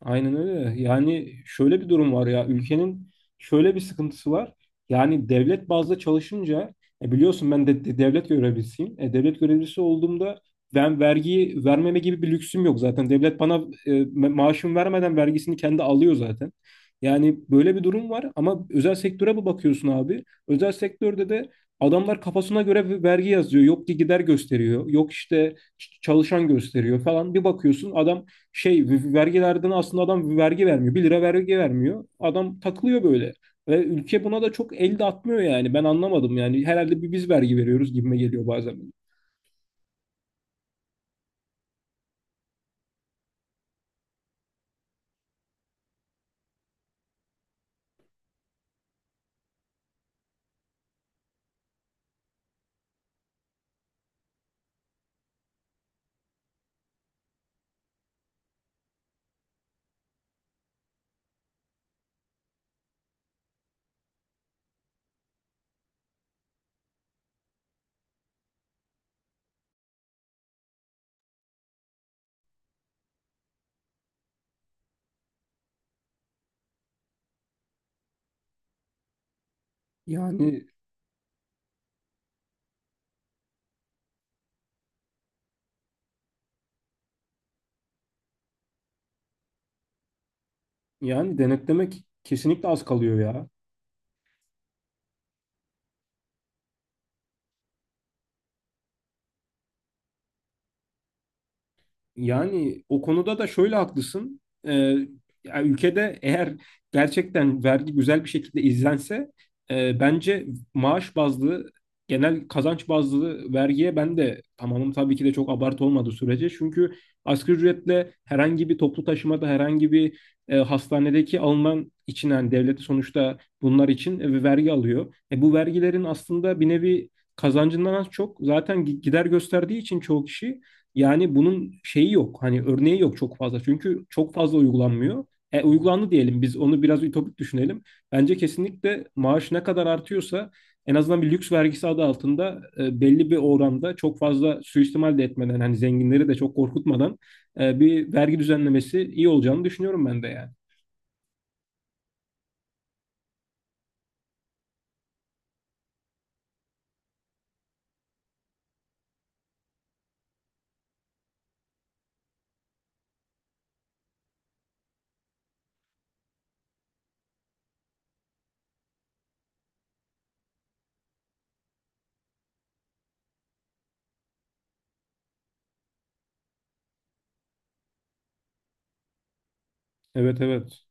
Aynen öyle. Yani şöyle bir durum var ya ülkenin şöyle bir sıkıntısı var. Yani devlet bazda çalışınca biliyorsun ben de, devlet görevlisiyim. Devlet görevlisi olduğumda ben vergiyi vermeme gibi bir lüksüm yok zaten. Devlet bana maaşımı vermeden vergisini kendi alıyor zaten. Yani böyle bir durum var ama özel sektöre bir bakıyorsun abi. Özel sektörde de adamlar kafasına göre bir vergi yazıyor. Yok ki gider gösteriyor. Yok işte çalışan gösteriyor falan. Bir bakıyorsun adam şey vergilerden aslında adam vergi vermiyor. Bir lira vergi vermiyor. Adam takılıyor böyle. Ve ülke buna da çok el de atmıyor yani. Ben anlamadım yani. Herhalde bir biz vergi veriyoruz gibime geliyor bazen. Yani yani denetlemek kesinlikle az kalıyor ya. Yani o konuda da şöyle haklısın. Ee, Ya ülkede eğer gerçekten vergi güzel bir şekilde izlense bence maaş bazlı, genel kazanç bazlı vergiye ben de tamamım tabii ki de çok abartı olmadığı sürece. Çünkü asgari ücretle herhangi bir toplu taşımada, herhangi bir hastanedeki alınan için yani devleti sonuçta bunlar için vergi alıyor. Bu vergilerin aslında bir nevi kazancından az çok zaten gider gösterdiği için çoğu kişi yani bunun şeyi yok. Hani örneği yok çok fazla. Çünkü çok fazla uygulanmıyor. Uygulandı diyelim biz onu biraz ütopik düşünelim. Bence kesinlikle maaş ne kadar artıyorsa en azından bir lüks vergisi adı altında belli bir oranda çok fazla suistimal de etmeden hani zenginleri de çok korkutmadan bir vergi düzenlemesi iyi olacağını düşünüyorum ben de yani. Evet, evet.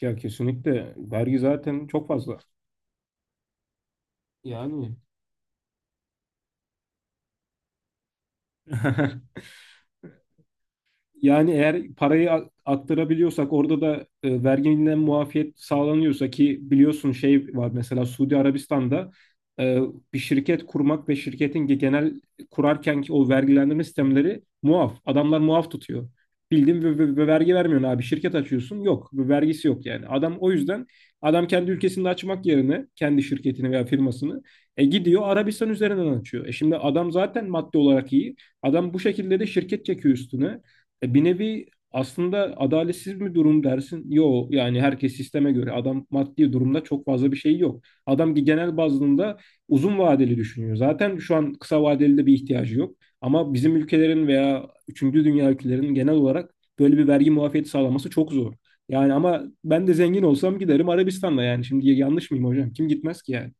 Ya kesinlikle vergi zaten çok fazla. Yani yani eğer parayı aktarabiliyorsak orada da verginden muafiyet sağlanıyorsa ki biliyorsun şey var mesela Suudi Arabistan'da e, bir şirket kurmak ve şirketin genel kurarkenki o vergilendirme sistemleri muaf. Adamlar muaf tutuyor. Bildiğin ve vergi vermiyorsun abi. Şirket açıyorsun. Yok. Ve vergisi yok yani. Adam o yüzden, adam kendi ülkesinde açmak yerine kendi şirketini veya firmasını gidiyor Arabistan üzerinden açıyor. Şimdi adam zaten maddi olarak iyi. Adam bu şekilde de şirket çekiyor üstüne. Bir nevi aslında adaletsiz bir durum dersin. Yo, yani herkes sisteme göre adam maddi durumda çok fazla bir şey yok. Adam ki genel bazında uzun vadeli düşünüyor. Zaten şu an kısa vadeli de bir ihtiyacı yok. Ama bizim ülkelerin veya üçüncü dünya ülkelerinin genel olarak böyle bir vergi muafiyeti sağlaması çok zor. Yani ama ben de zengin olsam giderim Arabistan'da yani. Şimdi yanlış mıyım hocam? Kim gitmez ki yani?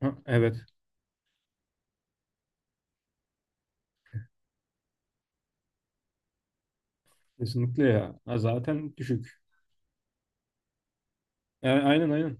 Ha, evet. Kesinlikle ya. Ha, zaten düşük. Aynen, aynen.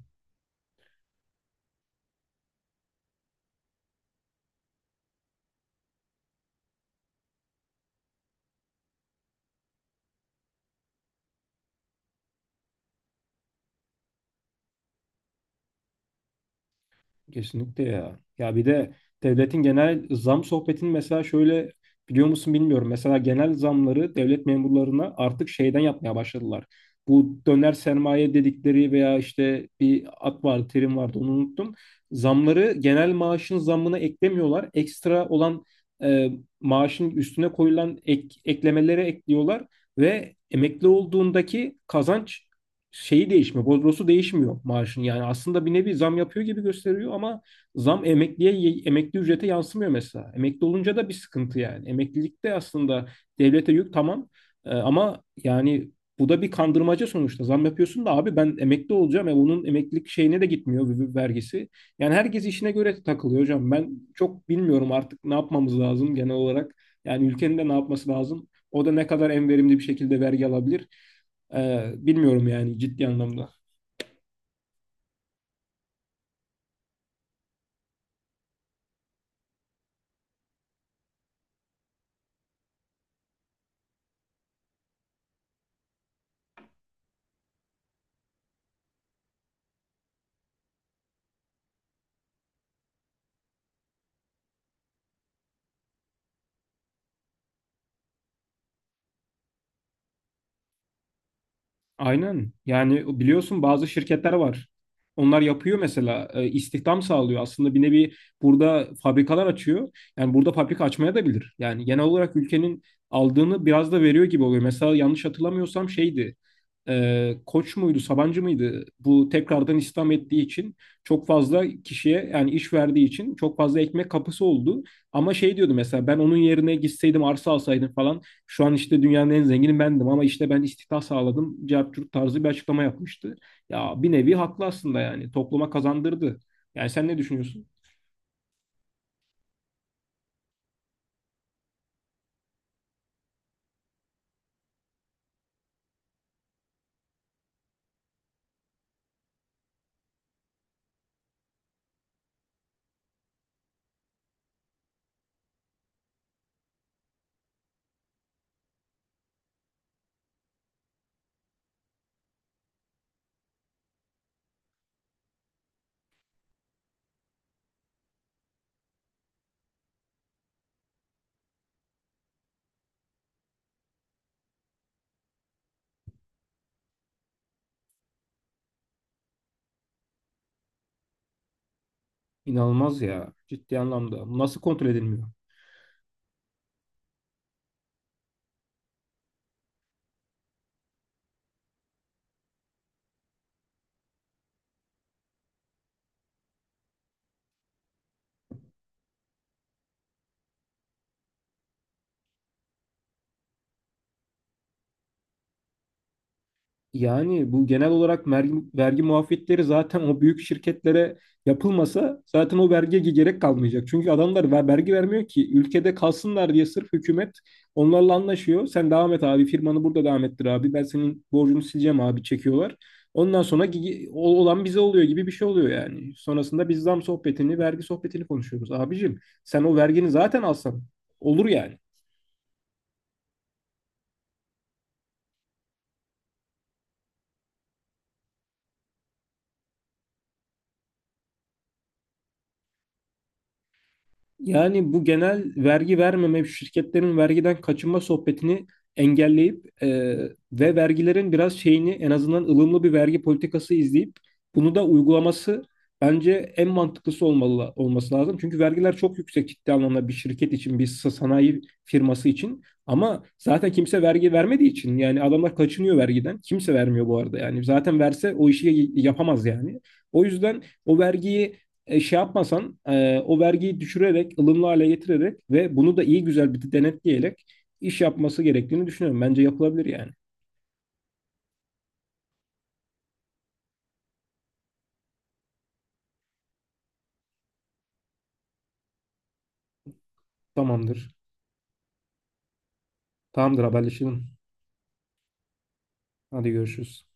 Kesinlikle ya. Ya bir de devletin genel zam sohbetini mesela şöyle biliyor musun bilmiyorum. Mesela genel zamları devlet memurlarına artık şeyden yapmaya başladılar. Bu döner sermaye dedikleri veya işte bir ad vardı, terim vardı, onu unuttum. Zamları genel maaşın zammına eklemiyorlar. Ekstra olan e, maaşın üstüne koyulan eklemelere ekliyorlar ve emekli olduğundaki kazanç şeyi değişmiyor. Bordrosu değişmiyor maaşın. Yani aslında bir nevi zam yapıyor gibi gösteriyor ama zam emekliye, emekli ücrete yansımıyor mesela. Emekli olunca da bir sıkıntı yani. Emeklilikte aslında devlete yük, tamam. Ama yani bu da bir kandırmaca sonuçta. Zam yapıyorsun da abi ben emekli olacağım. Bunun emeklilik şeyine de gitmiyor vergisi. Yani herkes işine göre takılıyor hocam. Ben çok bilmiyorum artık ne yapmamız lazım genel olarak. Yani ülkenin de ne yapması lazım? O da ne kadar en verimli bir şekilde vergi alabilir? Bilmiyorum yani ciddi anlamda. Aynen. Yani biliyorsun bazı şirketler var. Onlar yapıyor mesela istihdam sağlıyor. Aslında bir nevi burada fabrikalar açıyor. Yani burada fabrika açmaya da bilir. Yani genel olarak ülkenin aldığını biraz da veriyor gibi oluyor. Mesela yanlış hatırlamıyorsam şeydi. Koç muydu, Sabancı mıydı? Bu tekrardan istihdam ettiği için çok fazla kişiye, yani iş verdiği için, çok fazla ekmek kapısı oldu. Ama şey diyordu mesela: ben onun yerine gitseydim, arsa alsaydım falan, şu an işte dünyanın en zengini bendim, ama işte ben istihdam sağladım. Cevap tarzı bir açıklama yapmıştı. Ya bir nevi haklı aslında, yani topluma kazandırdı. Yani sen ne düşünüyorsun? İnanılmaz ya, ciddi anlamda. Nasıl kontrol edilmiyor? Yani bu genel olarak vergi, muafiyetleri zaten o büyük şirketlere yapılmasa zaten o vergiye gerek kalmayacak. Çünkü adamlar vergi vermiyor ki ülkede kalsınlar diye sırf hükümet onlarla anlaşıyor. Sen devam et abi, firmanı burada devam ettir abi, ben senin borcunu sileceğim abi, çekiyorlar. Ondan sonra olan bize oluyor gibi bir şey oluyor yani. Sonrasında biz zam sohbetini, vergi sohbetini konuşuyoruz. Abicim, sen o vergini zaten alsan olur yani. Yani bu genel vergi vermeme, şirketlerin vergiden kaçınma sohbetini engelleyip ve vergilerin biraz şeyini, en azından ılımlı bir vergi politikası izleyip bunu da uygulaması bence en mantıklısı olmalı, olması lazım. Çünkü vergiler çok yüksek ciddi anlamda, bir şirket için, bir sanayi firması için. Ama zaten kimse vergi vermediği için yani adamlar kaçınıyor vergiden. Kimse vermiyor bu arada yani. Zaten verse o işi yapamaz yani. O yüzden o vergiyi şey yapmasan, o vergiyi düşürerek, ılımlı hale getirerek ve bunu da iyi güzel bir denetleyerek iş yapması gerektiğini düşünüyorum. Bence yapılabilir yani. Tamamdır. Tamamdır, haberleşelim. Hadi görüşürüz.